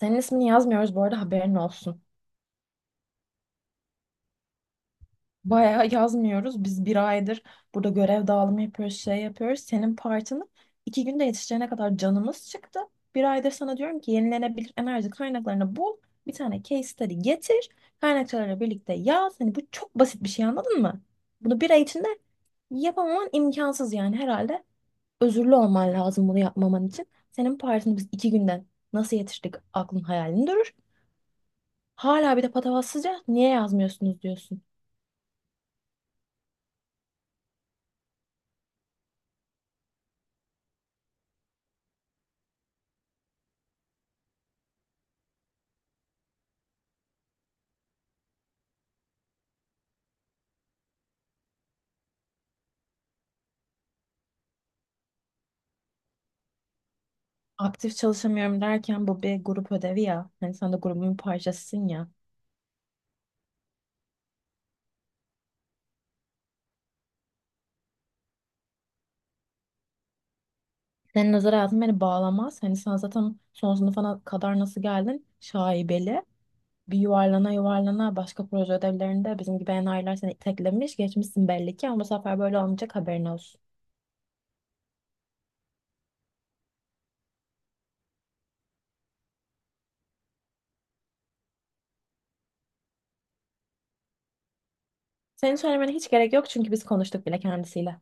Senin ismini yazmıyoruz bu arada haberin olsun. Bayağı yazmıyoruz. Biz bir aydır burada görev dağılımı yapıyoruz, şey yapıyoruz. Senin partını iki günde yetişeceğine kadar canımız çıktı. Bir aydır sana diyorum ki yenilenebilir enerji kaynaklarını bul. Bir tane case study getir. Kaynakçalarla birlikte yaz. Hani bu çok basit bir şey anladın mı? Bunu bir ay içinde yapamaman imkansız yani herhalde. Özürlü olman lazım bunu yapmaman için. Senin partini biz iki günden nasıl yetiştik aklın hayalini durur. Hala bir de patavatsızca niye yazmıyorsunuz diyorsun. Aktif çalışamıyorum derken bu bir grup ödevi ya. Hani sen de grubun bir parçasısın ya. Senin özel hayatın beni bağlamaz. Hani sen zaten son sınıfa kadar nasıl geldin? Şaibeli. Bir yuvarlana yuvarlana başka proje ödevlerinde bizim gibi enayiler seni teklemiş. Geçmişsin belli ki ama bu sefer böyle olmayacak haberin olsun. Senin söylemene hiç gerek yok çünkü biz konuştuk bile kendisiyle.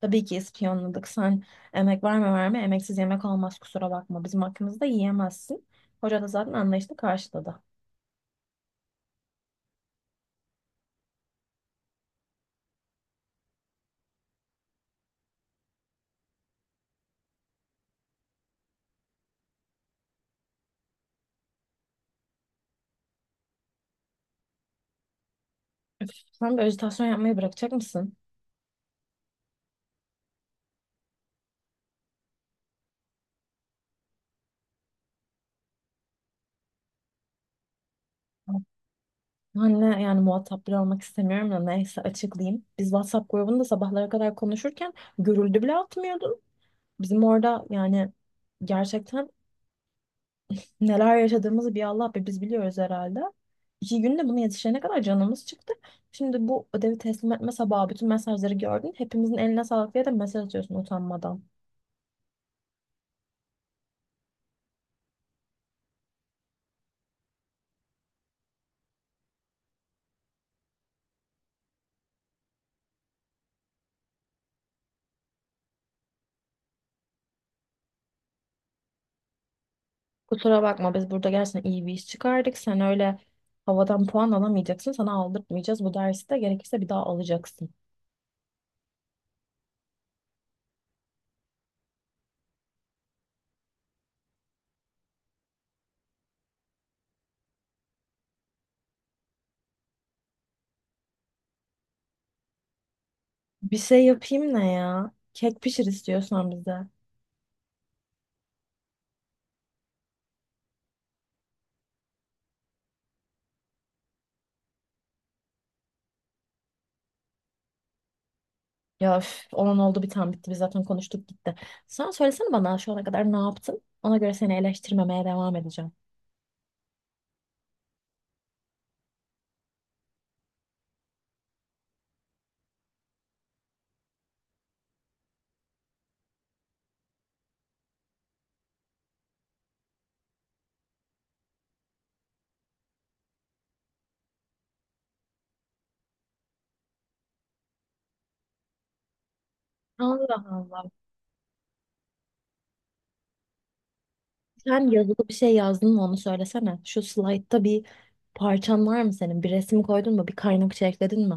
Tabii ki ispiyonladık. Sen emek var mı var mı? Emeksiz yemek olmaz kusura bakma. Bizim hakkımızda yiyemezsin. Hoca da zaten anlayışla karşıladı. Sen de ajitasyon yapmayı bırakacak mısın? Anne yani muhatap bile olmak istemiyorum da neyse açıklayayım. Biz WhatsApp grubunda sabahlara kadar konuşurken görüldü bile atmıyordun. Bizim orada yani gerçekten neler yaşadığımızı bir Allah be biz biliyoruz herhalde. İki günde bunu yetişene kadar canımız çıktı. Şimdi bu ödevi teslim etme sabahı bütün mesajları gördün. Hepimizin eline sağlık diye de mesaj atıyorsun utanmadan. Kusura bakma biz burada gerçekten iyi bir iş çıkardık. Sen öyle havadan puan alamayacaksın. Sana aldırtmayacağız. Bu dersi de gerekirse bir daha alacaksın. Bir şey yapayım ne ya? Kek pişir istiyorsan bize. Ya üf, olan oldu bir tane bitti. Biz zaten konuştuk gitti. Sen söylesene bana şu ana kadar ne yaptın? Ona göre seni eleştirmemeye devam edeceğim. Allah Allah. Sen yazılı bir şey yazdın mı onu söylesene. Şu slaytta bir parçan var mı senin? Bir resim koydun mu? Bir kaynak ekledin mi?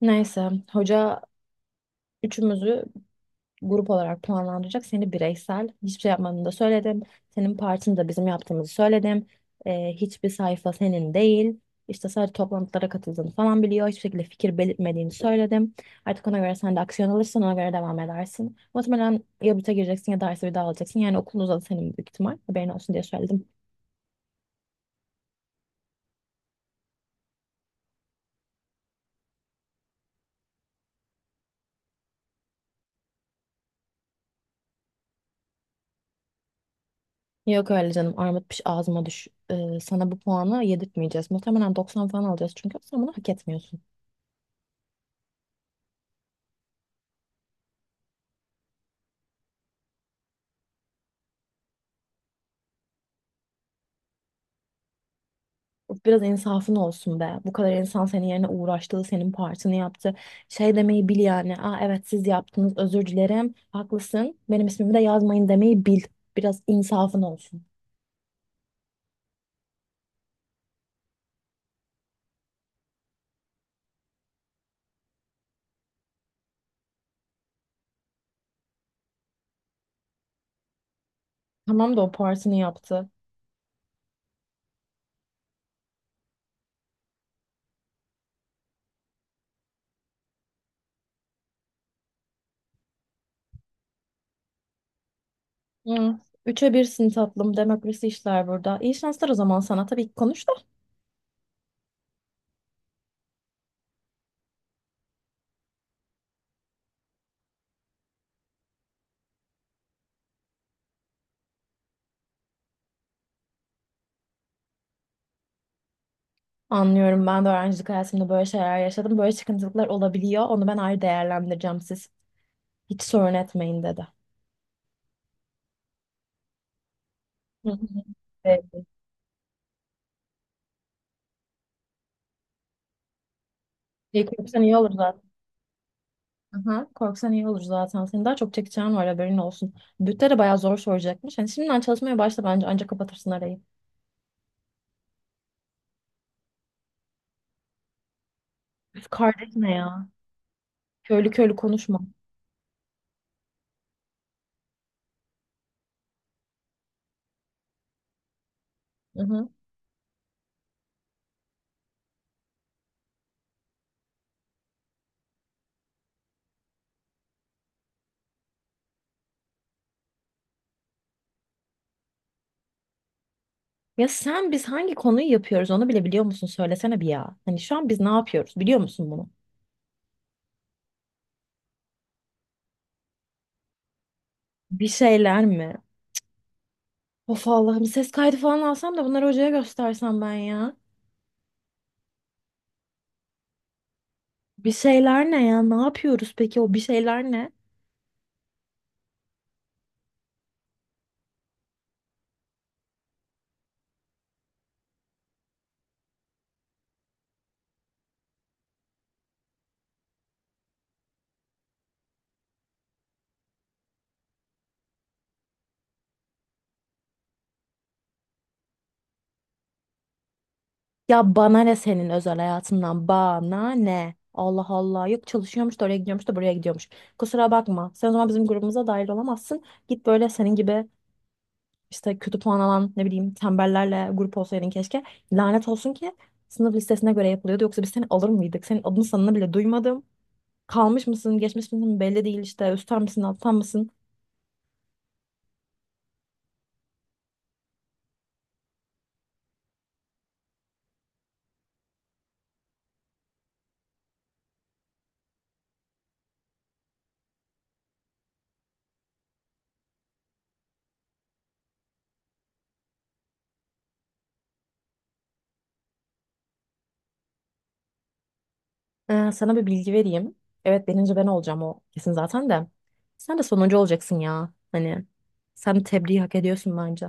Neyse hoca üçümüzü grup olarak puanlandıracak. Seni bireysel hiçbir şey yapmanı da söyledim. Senin partini de bizim yaptığımızı söyledim. Hiçbir sayfa senin değil. İşte sadece toplantılara katıldığını falan biliyor. Hiçbir şekilde fikir belirtmediğini söyledim. Artık ona göre sen de aksiyon alırsın, ona göre devam edersin. Muhtemelen ya büte gireceksin ya dersi bir daha alacaksın. Yani okulun uzadı senin büyük ihtimal. Haberin olsun diye söyledim. Yok öyle canım armut piş ağzıma düş. Sana bu puanı yedirtmeyeceğiz. Muhtemelen 90 falan alacağız çünkü sen bunu hak etmiyorsun. Biraz insafın olsun be. Bu kadar insan senin yerine uğraştı, senin partini yaptı. Şey demeyi bil yani. Aa evet siz yaptınız, özür dilerim. Haklısın. Benim ismimi de yazmayın demeyi bil. Biraz insafın olsun. Tamam da o partini yaptı. Hı. Üçe birsin tatlım. Demokrasi işler burada. İyi şanslar o zaman sana. Tabii ki konuş da. Anlıyorum. Ben de öğrencilik hayatımda böyle şeyler yaşadım. Böyle sıkıntılıklar olabiliyor. Onu ben ayrı değerlendireceğim siz. Hiç sorun etmeyin dedi. Hı hı. Evet. Korksan iyi olur zaten. Aha, korksan iyi olur zaten. Senin daha çok çekeceğin var haberin olsun. Bütte de bayağı zor soracakmış. Hani şimdiden çalışmaya başla bence ancak kapatırsın arayı. Üf, kardeş ne ya? Köylü köylü konuşma. Hı hı. Ya sen biz hangi konuyu yapıyoruz onu bile biliyor musun? Söylesene bir ya. Hani şu an biz ne yapıyoruz biliyor musun bunu? Bir şeyler mi? Of Allah'ım ses kaydı falan alsam da bunları hocaya göstersem ben ya. Bir şeyler ne ya? Ne yapıyoruz peki o bir şeyler ne? Ya bana ne senin özel hayatından? Bana ne? Allah Allah. Yok çalışıyormuş da oraya gidiyormuş da buraya gidiyormuş. Kusura bakma. Sen o zaman bizim grubumuza dahil olamazsın. Git böyle senin gibi işte kötü puan alan ne bileyim tembellerle grup olsaydın keşke. Lanet olsun ki sınıf listesine göre yapılıyordu. Yoksa biz seni alır mıydık? Senin adını sanını bile duymadım. Kalmış mısın, geçmiş misin belli değil işte. Üstten misin, alttan mısın? Sana bir bilgi vereyim. Evet birinci ben olacağım o kesin zaten de. Sen de sonuncu olacaksın ya. Hani sen tebriği hak ediyorsun bence.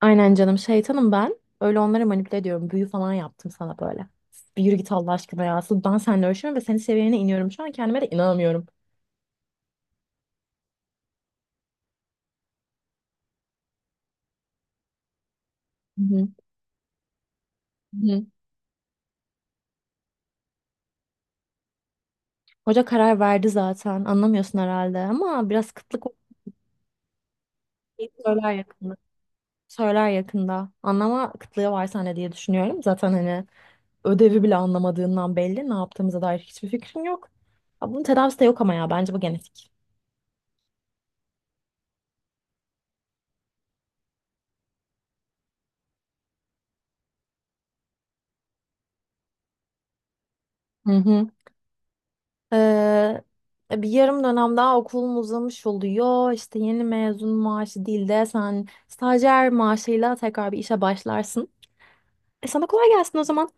Aynen canım şeytanım ben. Öyle onları manipüle ediyorum. Büyü falan yaptım sana böyle. Bir yürü git Allah aşkına ya. Asıl ben seninle ölçüyorum ve senin seviyene iniyorum. Şu an kendime de inanamıyorum. Hı hı. Hı. Hoca karar verdi zaten. Anlamıyorsun herhalde ama biraz kıtlık olduğu şeyi söyler yakında. Söyler yakında. Anlama kıtlığı var sende diye düşünüyorum. Zaten hani ödevi bile anlamadığından belli. Ne yaptığımıza dair hiçbir fikrin yok. Ya bunun tedavisi de yok ama ya bence bu genetik. Hı hı. Ee, Bir yarım dönem daha okulun uzamış oluyor. İşte yeni mezun maaşı değil de sen stajyer maaşıyla tekrar bir işe başlarsın. E sana kolay gelsin o zaman.